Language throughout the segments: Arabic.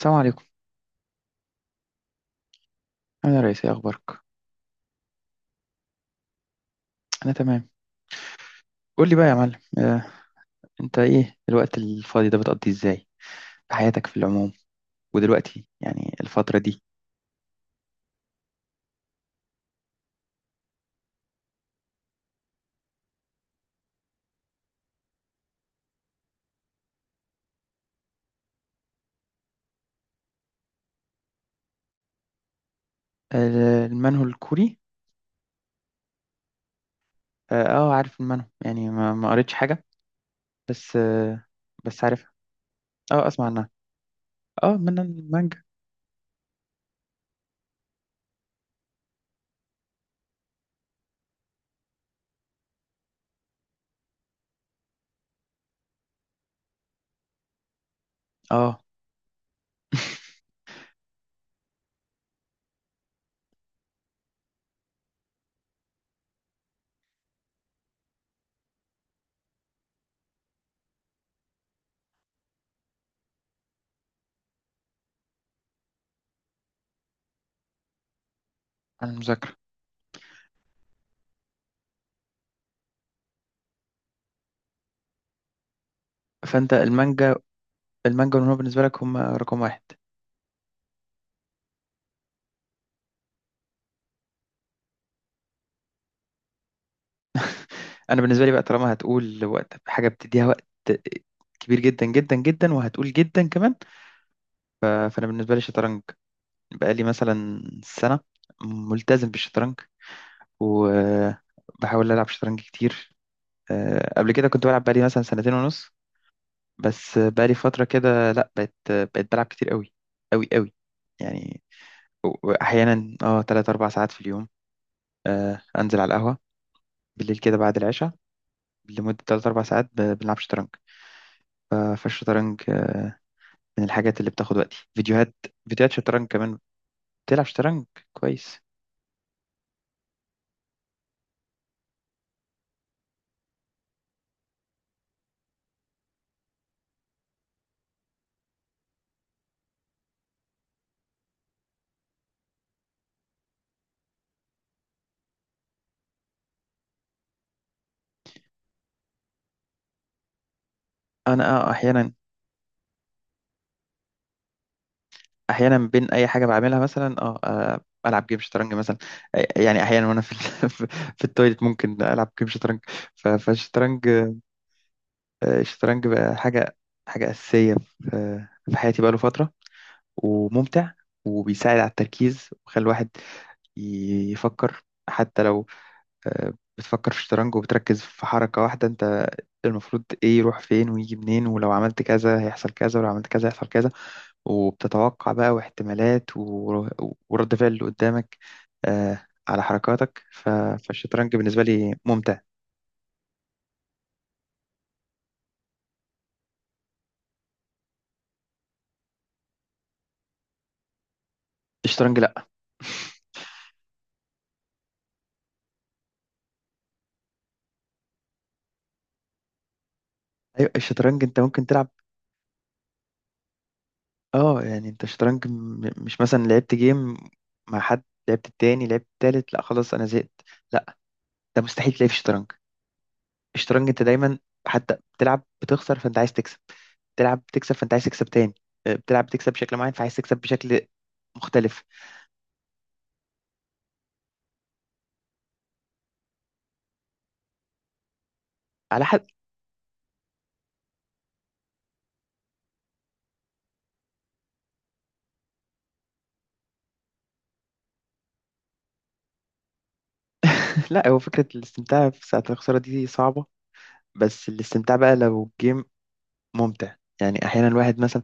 السلام عليكم. انا رئيس، ايه اخبارك؟ انا تمام. قول لي بقى يا معلم، انت ايه الوقت الفاضي ده بتقضيه ازاي في حياتك، في العموم؟ ودلوقتي يعني الفترة دي المنهو الكوري. عارف المنهو، يعني ما قريتش حاجة بس. بس عارفها. اه اسمع عنها، اه من المانجا اه عن المذاكرة. فانت المانجا، المانجا والمنهو بالنسبة لك هم رقم واحد؟ انا بالنسبة لي بقى، طالما هتقول وقت حاجة بتديها وقت كبير جدا جدا جدا وهتقول جدا كمان، فانا بالنسبة لي شطرنج. بقالي مثلا سنة ملتزم بالشطرنج وبحاول ألعب شطرنج كتير. قبل كده كنت بلعب، بقالي مثلا سنتين ونص، بس بقالي فترة كده لأ، بقيت بلعب كتير قوي قوي قوي يعني. وأحيانا تلات أربع ساعات في اليوم. أنزل على القهوة بالليل كده بعد العشاء لمدة تلات أربع ساعات، بنلعب شطرنج. فالشطرنج من الحاجات اللي بتاخد وقتي. فيديوهات شطرنج كمان. بتلعب شطرنج كويس؟ أنا أحيانا، بين اي حاجه بعملها، مثلا العب جيم شطرنج مثلا. يعني احيانا وانا في في التويليت ممكن العب جيم شطرنج. فالشطرنج، الشطرنج بقى حاجه اساسيه في حياتي بقاله فتره، وممتع، وبيساعد على التركيز وبيخلي الواحد يفكر. حتى لو بتفكر في الشطرنج وبتركز في حركه واحده، انت المفروض ايه يروح فين ويجي منين، ولو عملت كذا هيحصل كذا ولو عملت كذا هيحصل كذا، وبتتوقع بقى واحتمالات ورد فعل اللي قدامك على حركاتك. فالشطرنج بالنسبة لي ممتع. الشطرنج لا، ايوه. الشطرنج انت ممكن تلعب، اه يعني انت الشطرنج مش مثلا لعبت جيم مع حد، لعبت التاني، لعبت التالت، لا خلاص انا زهقت. لا، ده مستحيل تلاقي في الشطرنج. الشطرنج انت دايما حتى بتلعب بتخسر، فانت عايز تكسب. بتلعب بتكسب، فانت عايز تكسب تاني. بتلعب بتكسب بشكل معين فعايز تكسب بشكل مختلف على حد. لا، هو فكرة الاستمتاع في ساعة الخسارة دي صعبة، بس الاستمتاع بقى لو الجيم ممتع، يعني أحيانا الواحد مثلا،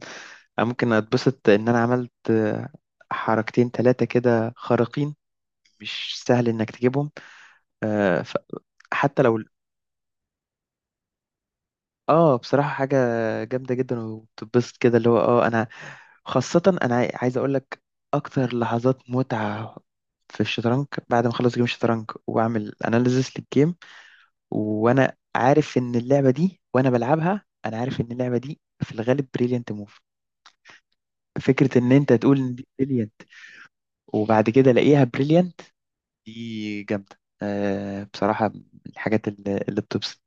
أنا ممكن أتبسط إن أنا عملت حركتين تلاتة كده خارقين، مش سهل إنك تجيبهم. آه، ف- حتى لو بصراحة حاجة جامدة جدا وبتتبسط كده، اللي هو أنا خاصة، أنا عايز أقول لك أكتر لحظات متعة في الشطرنج بعد ما أخلص جيم الشطرنج وأعمل أناليزيس للجيم، وانا عارف ان اللعبه دي وانا بلعبها انا عارف ان اللعبه دي في الغالب بريليانت موف، فكره ان انت تقول ان دي بريليانت وبعد كده الاقيها بريليانت، دي جامده. بصراحه من الحاجات اللي بتبسط.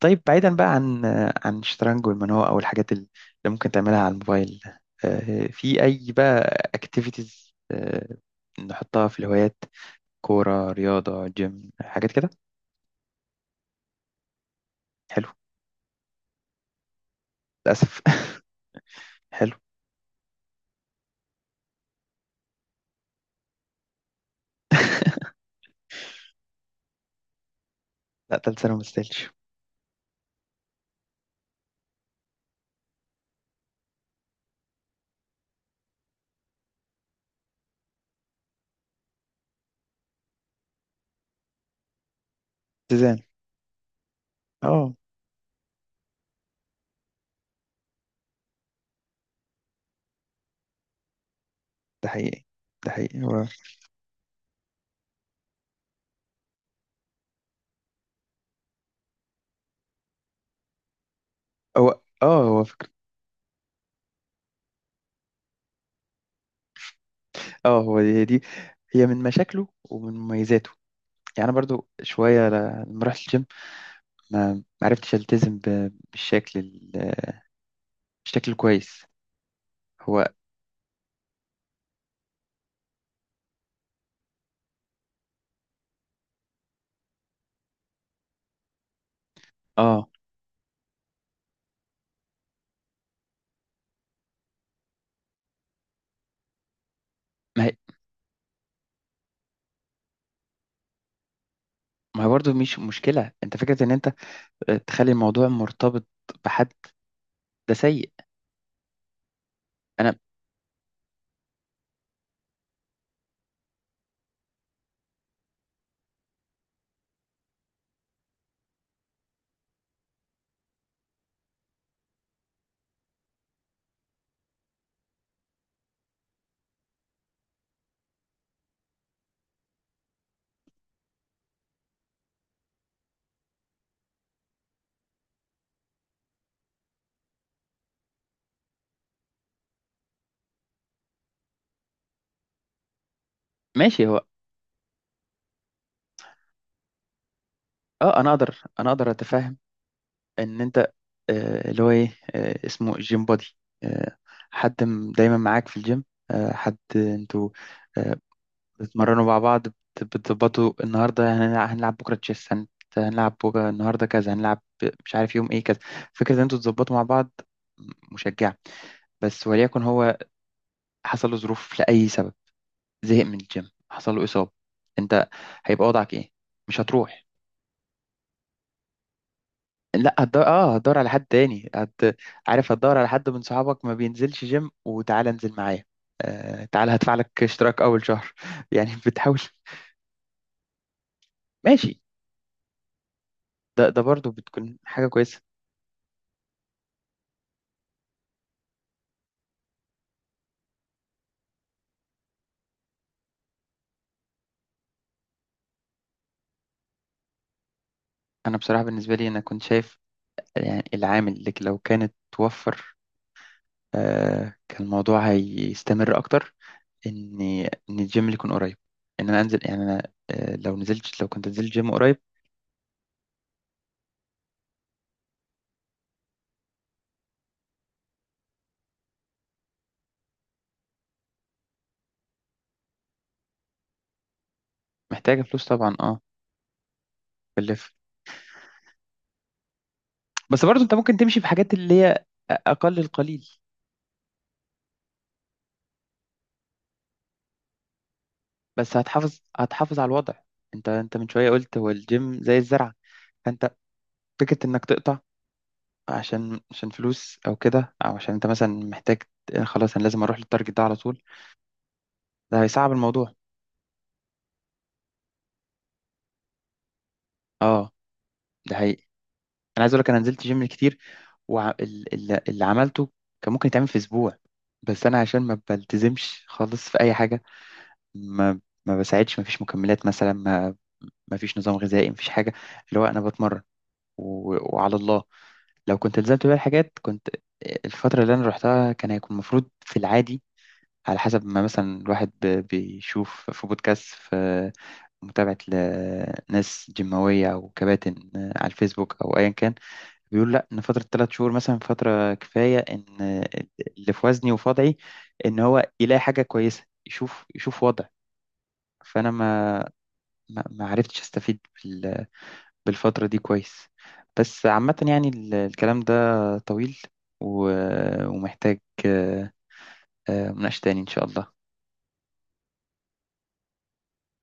طيب بعيدا بقى عن عن الشطرنج والمنوه او الحاجات اللي ممكن تعملها على الموبايل، في اي بقى اكتيفيتيز نحطها في الهوايات؟ كوره، رياضه، جيم، حاجات كده. حلو. للاسف. حلو. لا، تالت سنه ما تستاهلش. سيزان. اه. ده حقيقي. ده حقيقي هو فكرة. اه هو هي دي، هي من مشاكله ومن مميزاته. يعني انا برضو شويه لما رحت الجيم، ما عرفتش التزم بالشكل بالشكل الكويس. هو اه ما هي ما هي برضو مش مشكله، انت فكره ان انت تخلي الموضوع مرتبط بحد ده سيء. انا ماشي. هو اه انا اقدر اتفهم ان انت اللي هو ايه اسمه جيم بودي، آه، حد دايما معاك في الجيم، حد انتوا آه، بتتمرنوا مع بعض، بتظبطوا النهارده هنلعب بكره تشيس، هنلعب بكره، النهارده كذا، هنلعب مش عارف يوم ايه، كذا. فكره ان انتوا تظبطوا مع بعض مشجعه، بس وليكن هو حصل له ظروف لاي سبب، زهق من الجيم، حصل له اصابه، انت هيبقى وضعك ايه؟ مش هتروح؟ لا هتدور، هتدور على حد تاني عارف. هتدور على حد من صحابك ما بينزلش جيم، وتعالى انزل معايا، تعالى هدفع لك اشتراك اول شهر يعني بتحاول. ماشي. ده برضو بتكون حاجة كويسة. انا بصراحه بالنسبه لي انا كنت شايف يعني العامل اللي لو كانت توفر، كان الموضوع هيستمر اكتر، ان الجيم اللي يكون قريب، ان انا انزل، يعني انا لو كنت نزلت جيم قريب. محتاجه فلوس طبعا. اه بلف. بس برضه انت ممكن تمشي بحاجات اللي هي اقل القليل، بس هتحافظ على الوضع. انت من شويه قلت هو الجيم زي الزرع، فانت فكره انك تقطع عشان فلوس او كده، او عشان انت مثلا محتاج خلاص انا لازم اروح للتارجت ده على طول، ده هيصعب الموضوع. اه، ده حقيقي. انا عايز اقول لك انا نزلت جيم كتير، واللي عملته كان ممكن يتعمل في اسبوع، بس انا عشان ما بلتزمش خالص في اي حاجه، ما ما بساعدش، ما فيش مكملات مثلا، ما فيش نظام غذائي، ما فيش حاجه، اللي هو انا بتمرن و... وعلى الله. لو كنت التزمت بقى الحاجات، كنت الفتره اللي انا رحتها كان هيكون المفروض في العادي، على حسب ما مثلا الواحد بيشوف في بودكاست، في متابعة لناس جيماوية أو كباتن على الفيسبوك أو أيا كان، بيقول لأ إن فترة 3 شهور مثلا فترة كفاية، إن اللي في وزني وفي وضعي، إن هو يلاقي حاجة كويسة، يشوف، وضع. فأنا ما عرفتش أستفيد بالفترة دي كويس. بس عامة يعني الكلام ده طويل ومحتاج آه، مناقشة تاني إن شاء الله.